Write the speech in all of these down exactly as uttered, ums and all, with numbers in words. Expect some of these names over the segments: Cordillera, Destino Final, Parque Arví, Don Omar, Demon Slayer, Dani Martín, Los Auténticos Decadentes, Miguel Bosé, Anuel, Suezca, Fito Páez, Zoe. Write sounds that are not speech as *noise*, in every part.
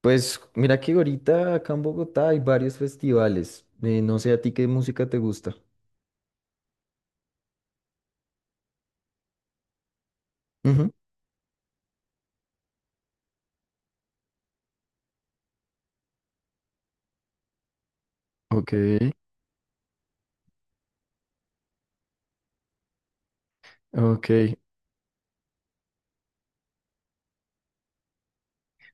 Pues mira que ahorita acá en Bogotá hay varios festivales. Eh, no sé a ti qué música te gusta. Ujú. Ok, ok.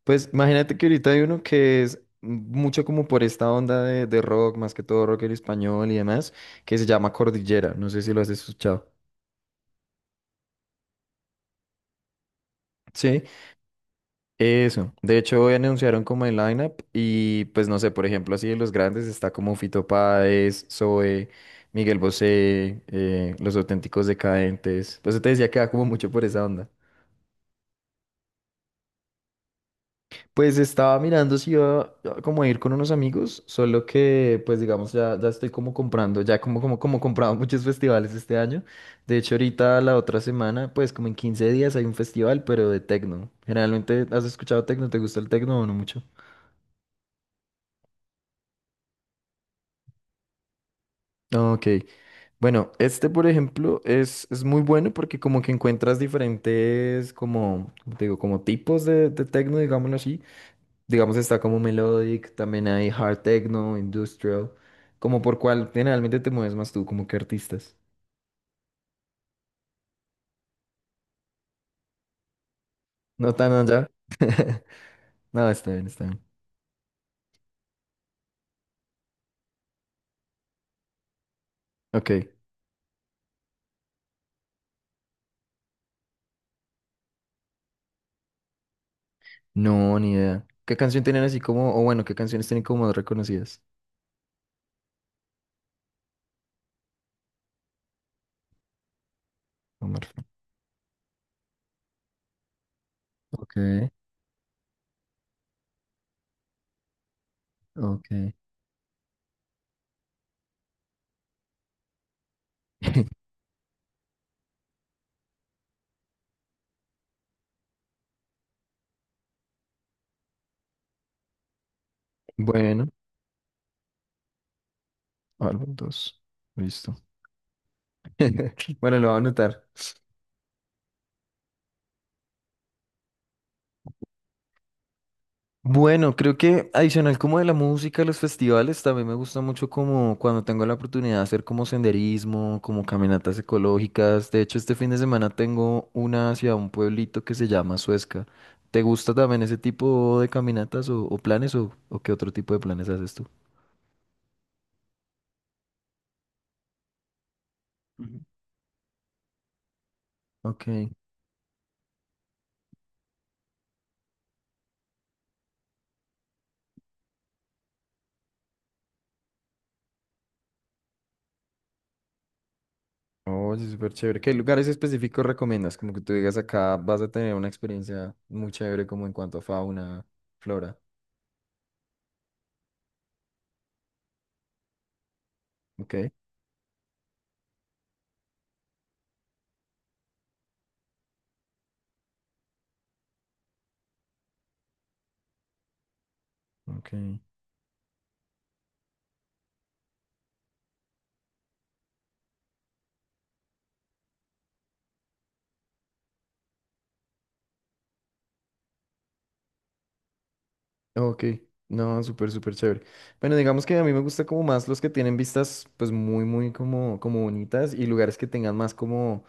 Pues imagínate que ahorita hay uno que es mucho como por esta onda de, de rock, más que todo rock en español y demás, que se llama Cordillera. No sé si lo has escuchado. Sí. Eso, de hecho hoy anunciaron como el lineup y pues no sé, por ejemplo, así de los grandes está como Fito Páez, Zoe, Miguel Bosé, eh, Los Auténticos Decadentes. Pues yo te decía que va como mucho por esa onda. Pues estaba mirando si iba a- como a ir con unos amigos, solo que pues digamos ya, ya estoy como comprando, ya como, como, como comprado *laughs* muchos festivales este año. De hecho ahorita la otra semana, pues como en quince días hay un festival, pero de tecno. Generalmente, ¿has escuchado tecno? ¿Te gusta el tecno o no mucho? Ok. Bueno, este, por ejemplo, es, es muy bueno porque como que encuentras diferentes, como, como te digo, como tipos de, de techno, digámoslo así. Digamos, está como melodic, también hay hard techno, industrial, como por cuál generalmente te mueves más tú, como que artistas. No tan allá. No, está bien, está bien. Ok. No, ni idea. ¿Qué canción tienen así como, o bueno, qué canciones tienen como más reconocidas? No me. Ok, ok. *laughs* Bueno, álbum dos. Listo. *laughs* Bueno, lo voy a anotar. Bueno, creo que adicional como de la música, los festivales, también me gusta mucho como cuando tengo la oportunidad de hacer como senderismo, como caminatas ecológicas. De hecho, este fin de semana tengo una hacia un pueblito que se llama Suezca. ¿Te gusta también ese tipo de caminatas o, o planes o, o qué otro tipo de planes haces tú? Ujú. Ok. Oye, súper chévere. ¿Qué lugares específicos recomiendas? Como que tú digas acá vas a tener una experiencia muy chévere como en cuanto a fauna, flora. Ok. Ok. Ok, no, súper, súper chévere. Bueno, digamos que a mí me gusta como más los que tienen vistas pues muy, muy como, como bonitas y lugares que tengan más como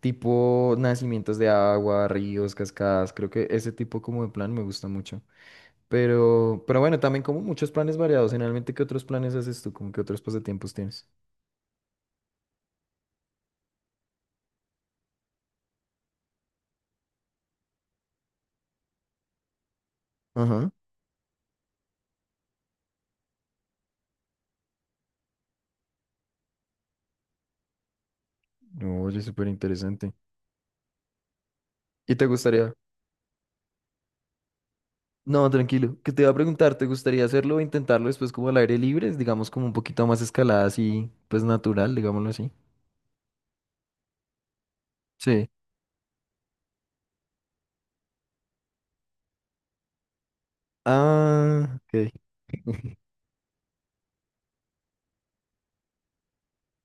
tipo nacimientos de agua, ríos, cascadas. Creo que ese tipo como de plan me gusta mucho. Pero, pero bueno, también como muchos planes variados. Generalmente, ¿qué otros planes haces tú? ¿Cómo qué otros pasatiempos tienes? Ajá. Oye, súper interesante. ¿Y te gustaría? No, tranquilo. Que te iba a preguntar, ¿te gustaría hacerlo o intentarlo después como al aire libre? Digamos como un poquito más escalada así, pues natural, digámoslo así. Sí. Ah, ok. *laughs*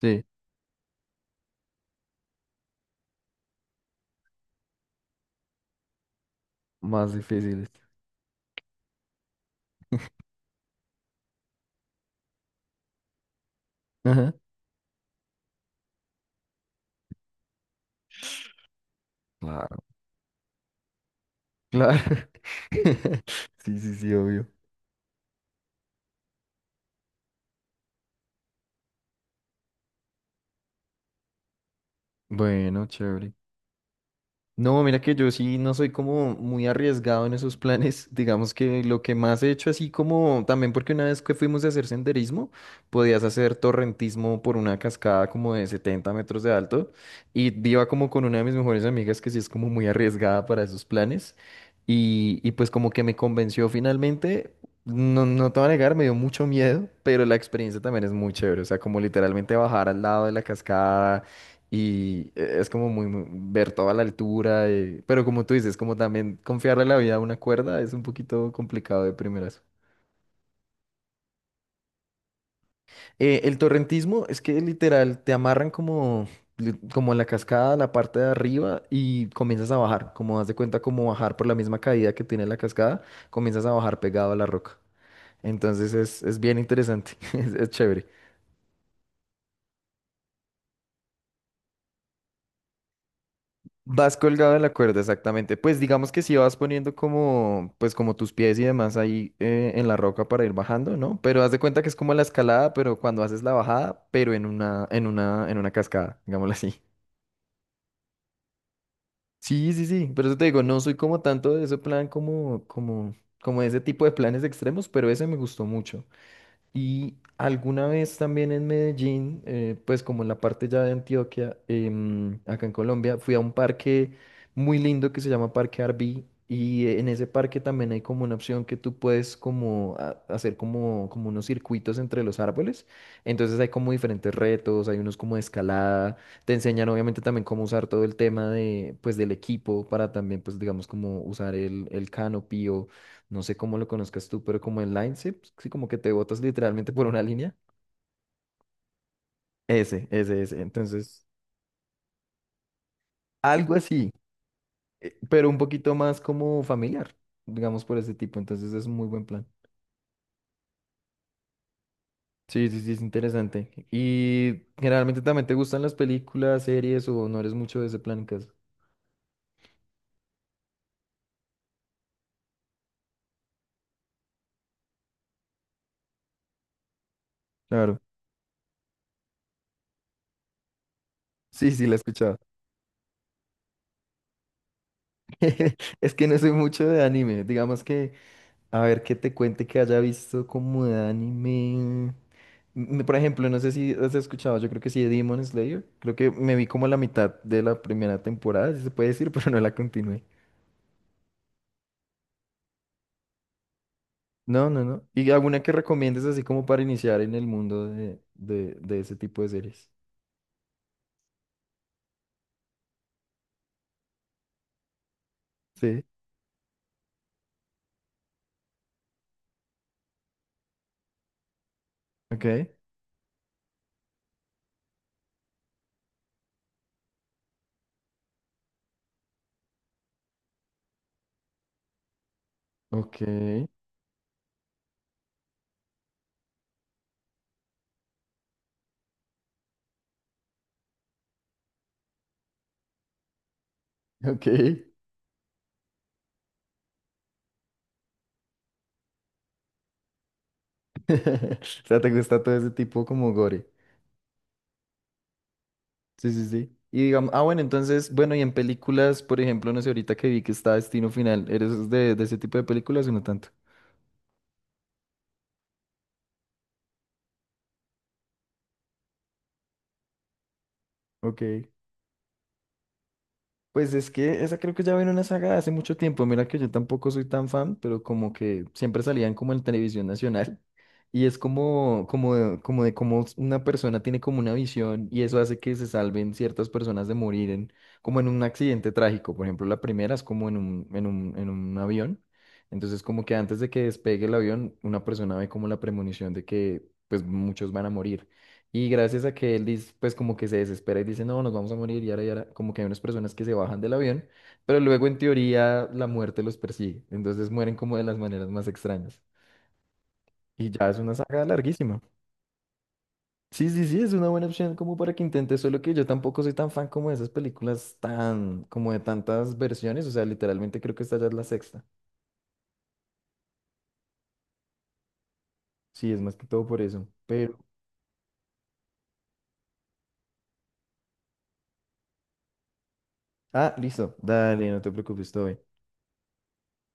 Sí, más difíciles. Ajá. Claro. Claro. *laughs* Sí, sí, sí, obvio. Bueno, chévere. No, mira que yo sí no soy como muy arriesgado en esos planes. *laughs* Digamos que lo que más he hecho así como también porque una vez que fuimos a hacer senderismo, podías hacer torrentismo por una cascada como de setenta metros de alto y iba como con una de mis mejores amigas que sí es como muy arriesgada para esos planes y, y pues como que me convenció finalmente. No, no te voy a negar, me dio mucho miedo, pero la experiencia también es muy chévere. O sea, como literalmente bajar al lado de la cascada y eh, es como muy, muy- ver toda la altura, eh, pero como tú dices, como también confiarle la vida a una cuerda es un poquito complicado de primeras. Eh, el torrentismo es que literal te amarran como, li- como en la cascada, la parte de arriba y comienzas a bajar, como haz de cuenta como bajar por la misma caída que tiene la cascada, comienzas a bajar pegado a la roca. Entonces es, es bien interesante, *laughs* es es chévere. Vas colgado de la cuerda, exactamente. Pues digamos que sí vas poniendo como, pues como tus pies y demás ahí eh, en la roca para ir bajando, ¿no? Pero haz de cuenta que es como la escalada, pero cuando haces la bajada, pero en una, en una, en una cascada, digámoslo así. Sí, sí, sí. Por eso te digo, no soy como tanto de ese plan como, como, como de ese tipo de planes extremos, pero ese me gustó mucho. Y alguna vez también en Medellín, eh, pues como en la parte ya de Antioquia, em, acá en Colombia, fui a un parque muy lindo que se llama Parque Arví. Y eh, en ese parque también hay como una opción que tú puedes como a- hacer como, como unos circuitos entre los árboles. Entonces hay como diferentes retos, hay unos como de escalada. Te enseñan obviamente también cómo usar todo el tema de, pues, del equipo para también, pues digamos, como usar el, el canopy no sé cómo lo conozcas tú, pero como el line sí, sí, como que te botas literalmente por una línea. Ese, ese, ese. Entonces, algo así, eh, pero un poquito más como familiar, digamos por ese tipo. Entonces es un muy buen plan. Sí, sí, sí, es interesante. ¿Y generalmente también te gustan las películas, series o no eres mucho de ese plan en casa? Claro. Sí, sí, la he escuchado. *laughs* Es que no soy mucho de anime. Digamos que, a ver, que te cuente que haya visto como de anime. Mm, Por ejemplo, no sé si has escuchado, yo creo que sí, de Demon Slayer. Creo que me vi como la mitad de la primera temporada, si se puede decir, *laughs* pero no la continué. No, no, no. ¿Y alguna que recomiendes así como para iniciar en el mundo de, de, de ese tipo de series? Sí, ok, ok, ok. *laughs* O sea, ¿te gusta todo ese tipo como gore? Sí, sí, sí. Y digamos, ah, bueno, entonces, bueno, y en películas, por ejemplo, no sé, ahorita que vi que está Destino Final, ¿eres de, de ese tipo de películas o no tanto? Ok. Pues es que esa creo que ya viene una saga de hace mucho tiempo. Mira que yo tampoco soy tan fan, pero como que siempre salían como en televisión nacional. *laughs* Y es como, como, de- como de cómo una persona tiene como una visión y eso hace que se salven ciertas personas de morir en, como en un accidente trágico. Por ejemplo, la primera es como en un, en un, en un avión. Entonces como que antes de que despegue el avión, una persona ve como la premonición de que pues muchos van a morir. Y gracias a que él dice, pues como que se desespera y dice, no, nos vamos a morir, y ahora, y ahora, como que hay unas personas que se bajan del avión, pero luego en teoría la muerte los persigue, entonces mueren como de las maneras más extrañas. Y ya es una saga larguísima. Sí, sí, sí, es una buena opción como para que intentes, solo que yo tampoco soy tan fan como de esas películas tan, como de tantas versiones, o sea, literalmente creo que esta ya es la sexta. Sí, es más que todo por eso, pero... Ah, listo, dale, no te preocupes, estoy